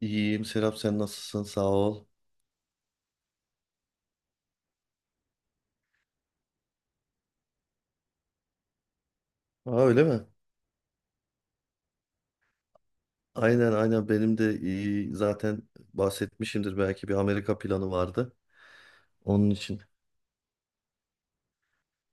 İyiyim Serap, sen nasılsın, sağ ol. Aa, öyle mi? Aynen, benim de iyi zaten, bahsetmişimdir belki, bir Amerika planı vardı. Onun için.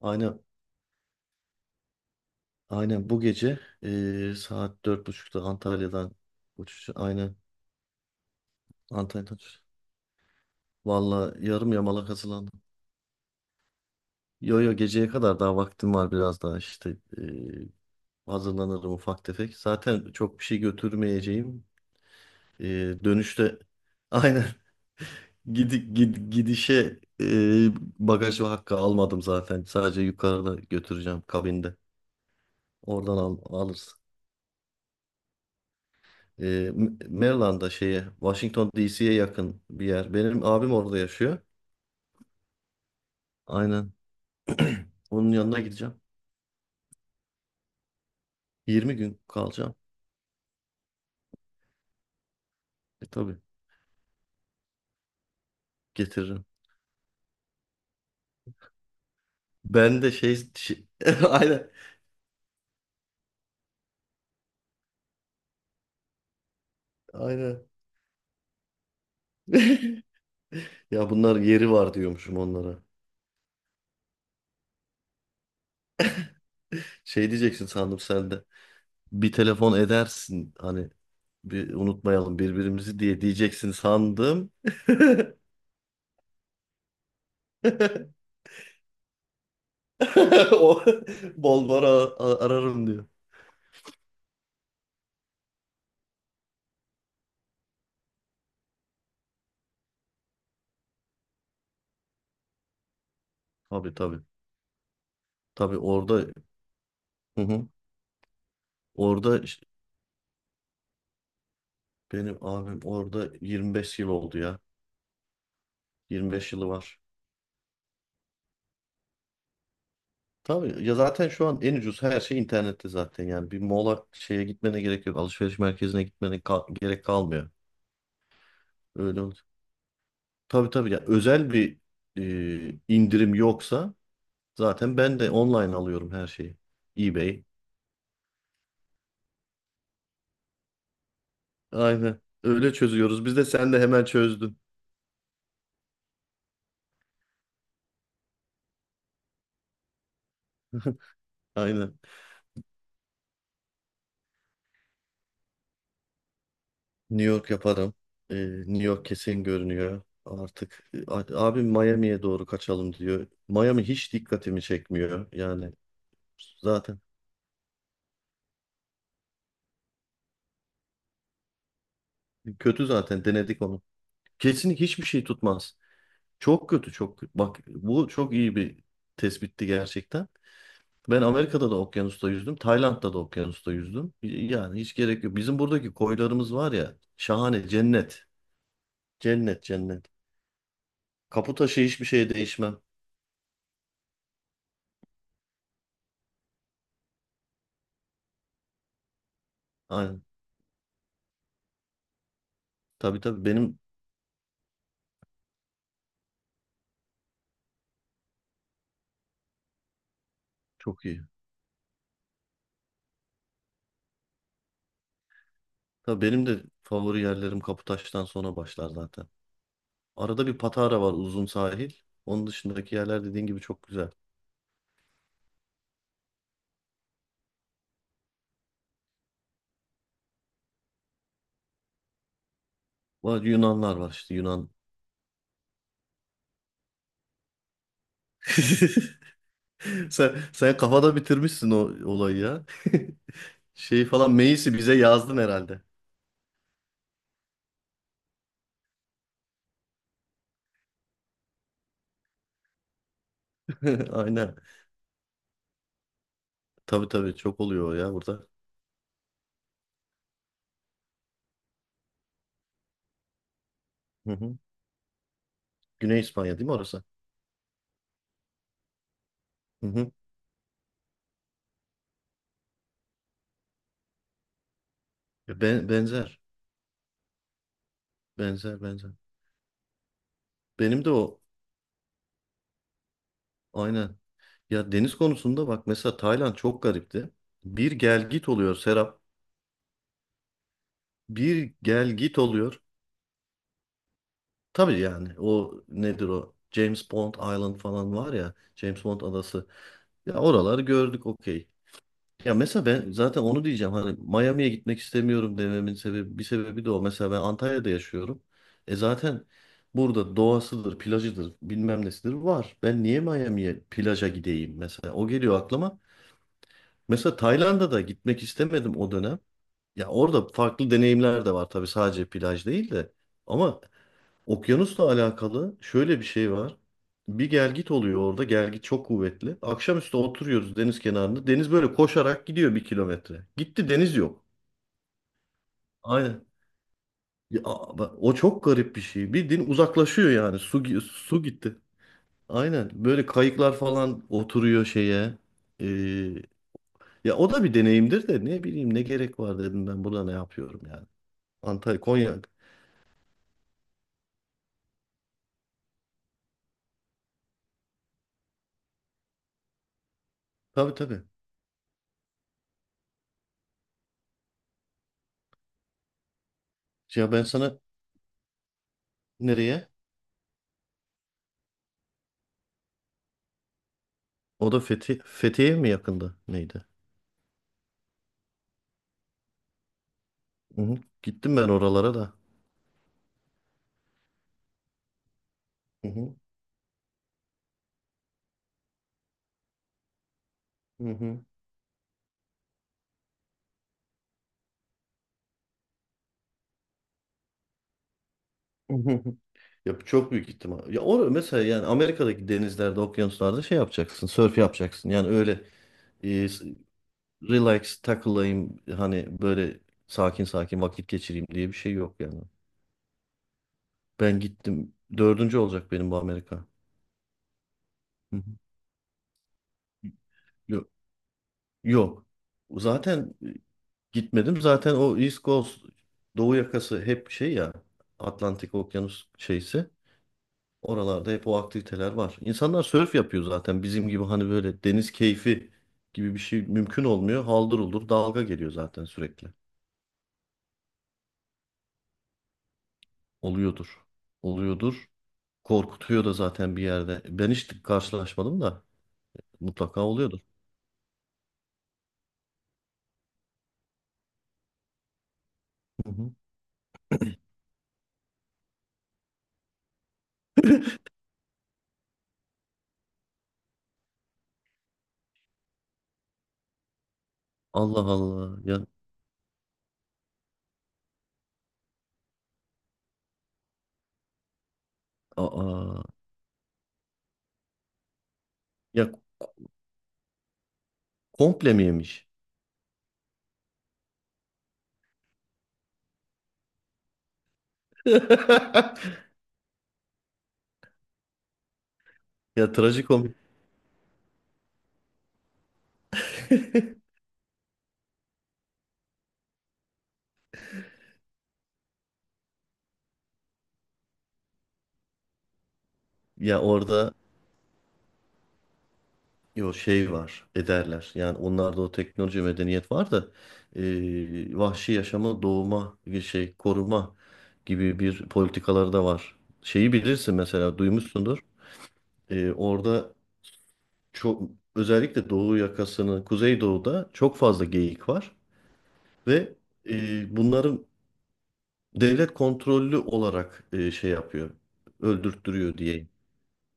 Aynen aynen, bu gece saat 4.30'da Antalya'dan uçuş. Aynen, Antalya'dan uçuş. Valla yarım yamalak hazırlandım. Yo yo, geceye kadar daha vaktim var, biraz daha işte, hazırlanırım ufak tefek. Zaten çok bir şey götürmeyeceğim. Dönüşte aynen. Gidişe bagaj hakkı almadım zaten. Sadece yukarıda götüreceğim, kabinde. Oradan alırız. E, M- Maryland'da şeye, Washington DC'ye yakın bir yer. Benim abim orada yaşıyor. Aynen. Onun yanına gideceğim. 20 gün kalacağım. E tabii, getiririm. Ben de aynen. Aynen. Ya bunlar yeri var diyormuşum onlara. Şey diyeceksin sandım sen de, bir telefon edersin hani, bir unutmayalım birbirimizi diye diyeceksin sandım. O bol bol ara- ararım diyor. Tabii tabii. Tabii orada, hı hı. Orada ş- benim abim orada 25 yıl oldu ya. 25 yılı var. Tabii ya, zaten şu an en ucuz her şey internette zaten, yani bir mola şeye gitmene gerek yok. Alışveriş merkezine gerek kalmıyor. Öyle oldu. Tabii tabii ya, özel bir indirim yoksa zaten ben de online alıyorum her şeyi. eBay. Aynen. Öyle çözüyoruz. Biz de sen de hemen çözdün. Aynen. New York yaparım. Ee, New York kesin görünüyor artık. Abim Miami'ye doğru kaçalım diyor. Miami hiç dikkatimi çekmiyor. Yani zaten kötü, zaten denedik onu. Kesin hiçbir şey tutmaz. Çok kötü, çok. Bak bu çok iyi bir tespitti gerçekten. Ben Amerika'da da okyanusta yüzdüm. Tayland'da da okyanusta yüzdüm. Yani hiç gerek yok. Bizim buradaki koylarımız var ya. Şahane. Cennet. Cennet cennet. Kapı taşı hiçbir şeye değişmem. Aynen. Tabii tabii, benim çok iyi. Tabii benim de favori yerlerim Kaputaş'tan sonra başlar zaten. Arada bir Patara var, uzun sahil. Onun dışındaki yerler dediğin gibi çok güzel. Var, Yunanlar var işte, Yunan. Sen kafada bitirmişsin o olayı ya. Şey falan Meis'i bize yazdın herhalde. Aynen. Tabii tabii, çok oluyor o ya burada. Hı hı. Güney İspanya değil mi orası? Hı hı. Benzer. Benzer benzer. Benim de o, aynen. Ya deniz konusunda bak, mesela Tayland çok garipti. Bir gel git oluyor Serap. Bir gel git oluyor. Tabii yani o nedir o? James Bond Island falan var ya. James Bond adası. Ya oraları gördük, okey. Ya mesela ben zaten onu diyeceğim, hani Miami'ye gitmek istemiyorum dememin sebebi, bir sebebi de o. Mesela ben Antalya'da yaşıyorum. E zaten burada doğasıdır, plajıdır, bilmem nesidir var. Ben niye Miami'ye plaja gideyim mesela? O geliyor aklıma. Mesela Tayland'a da gitmek istemedim o dönem. Ya orada farklı deneyimler de var tabii, sadece plaj değil de. Ama okyanusla alakalı şöyle bir şey var. Bir gelgit oluyor orada. Gelgit çok kuvvetli. Akşamüstü oturuyoruz deniz kenarında. Deniz böyle koşarak gidiyor 1 kilometre. Gitti, deniz yok. Aynen. Ya bak, o çok garip bir şey. Bildiğin uzaklaşıyor yani. Su gitti. Aynen. Böyle kayıklar falan oturuyor şeye. Ee, ya o da bir deneyimdir de, ne bileyim, ne gerek var dedim, ben burada ne yapıyorum yani. Antalya, Konya. Tabii tabii. Ya ben sana, nereye? O da Fethiye mi yakında? Neydi? Hı hı. Gittim ben oralara da. Hı hı. Hı hı. Ya çok büyük ihtimal. Ya or mesela yani Amerika'daki denizlerde, okyanuslarda şey yapacaksın, sörf yapacaksın. Yani öyle e, s- relax takılayım, hani böyle sakin sakin vakit geçireyim diye bir şey yok yani. Ben gittim. Dördüncü olacak benim bu Amerika. Hı hı. Yok. Yok. Zaten e, gitmedim. Zaten o East Coast, Doğu yakası hep şey ya, Atlantik Okyanus şeysi. Oralarda hep o aktiviteler var. İnsanlar sörf yapıyor zaten. Bizim gibi hani böyle deniz keyfi gibi bir şey mümkün olmuyor. Haldır uldur dalga geliyor zaten sürekli. Oluyordur. Oluyordur. Korkutuyor da zaten bir yerde. Ben hiç karşılaşmadım da mutlaka oluyordur. Hı hı. Allah Allah. Ya, aa, ya komple mi yemiş? Ya trajikomik. Ya orada, yo şey var ederler yani, onlarda o teknoloji medeniyet var da vahşi yaşamı doğuma bir şey koruma gibi bir politikaları da var. Şeyi bilirsin mesela, duymuşsundur. Orada çok, özellikle Doğu yakasını, Kuzeydoğu'da çok fazla geyik var ve bunların devlet kontrollü olarak şey yapıyor, öldürttürüyor diye.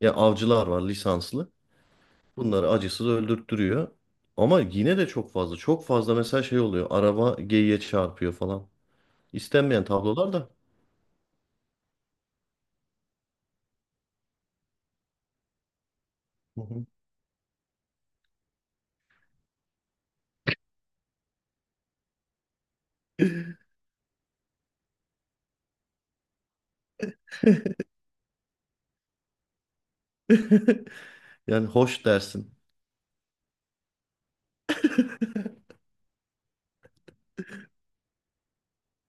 Ya avcılar var, lisanslı. Bunları acısız öldürttürüyor. Ama yine de çok fazla. Çok fazla mesela şey oluyor. Araba geyiğe çarpıyor falan. İstenmeyen tablolar da. Hı hı. Yani hoş dersin.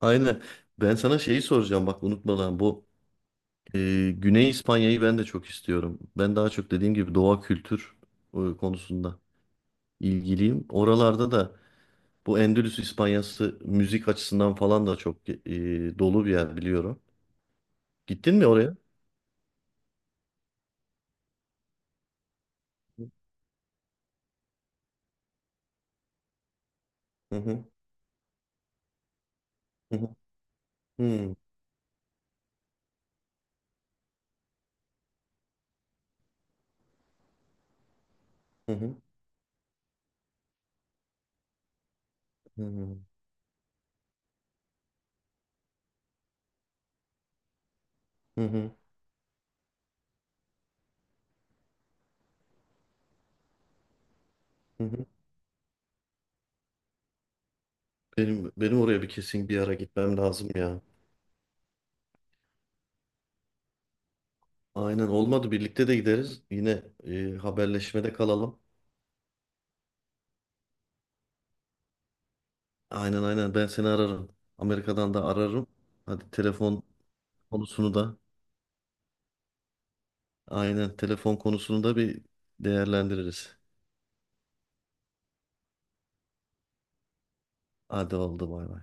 Aynen. Ben sana şeyi soracağım bak, unutmadan, bu Güney İspanya'yı ben de çok istiyorum. Ben daha çok dediğim gibi doğa kültür konusunda ilgiliyim. Oralarda da bu Endülüs İspanyası müzik açısından falan da çok dolu bir yer biliyorum. Gittin mi oraya? Hı hı. Hı hı. Hı. Hı hı. Hı hı. Hı hı. Hı hı. Benim oraya bir kesin bir ara gitmem lazım ya. Aynen, olmadı birlikte de gideriz. Yine haberleşmede kalalım. Aynen, ben seni ararım. Amerika'dan da ararım. Hadi telefon konusunu da, aynen telefon konusunu da bir değerlendiririz. Hadi, oldu, bay bay.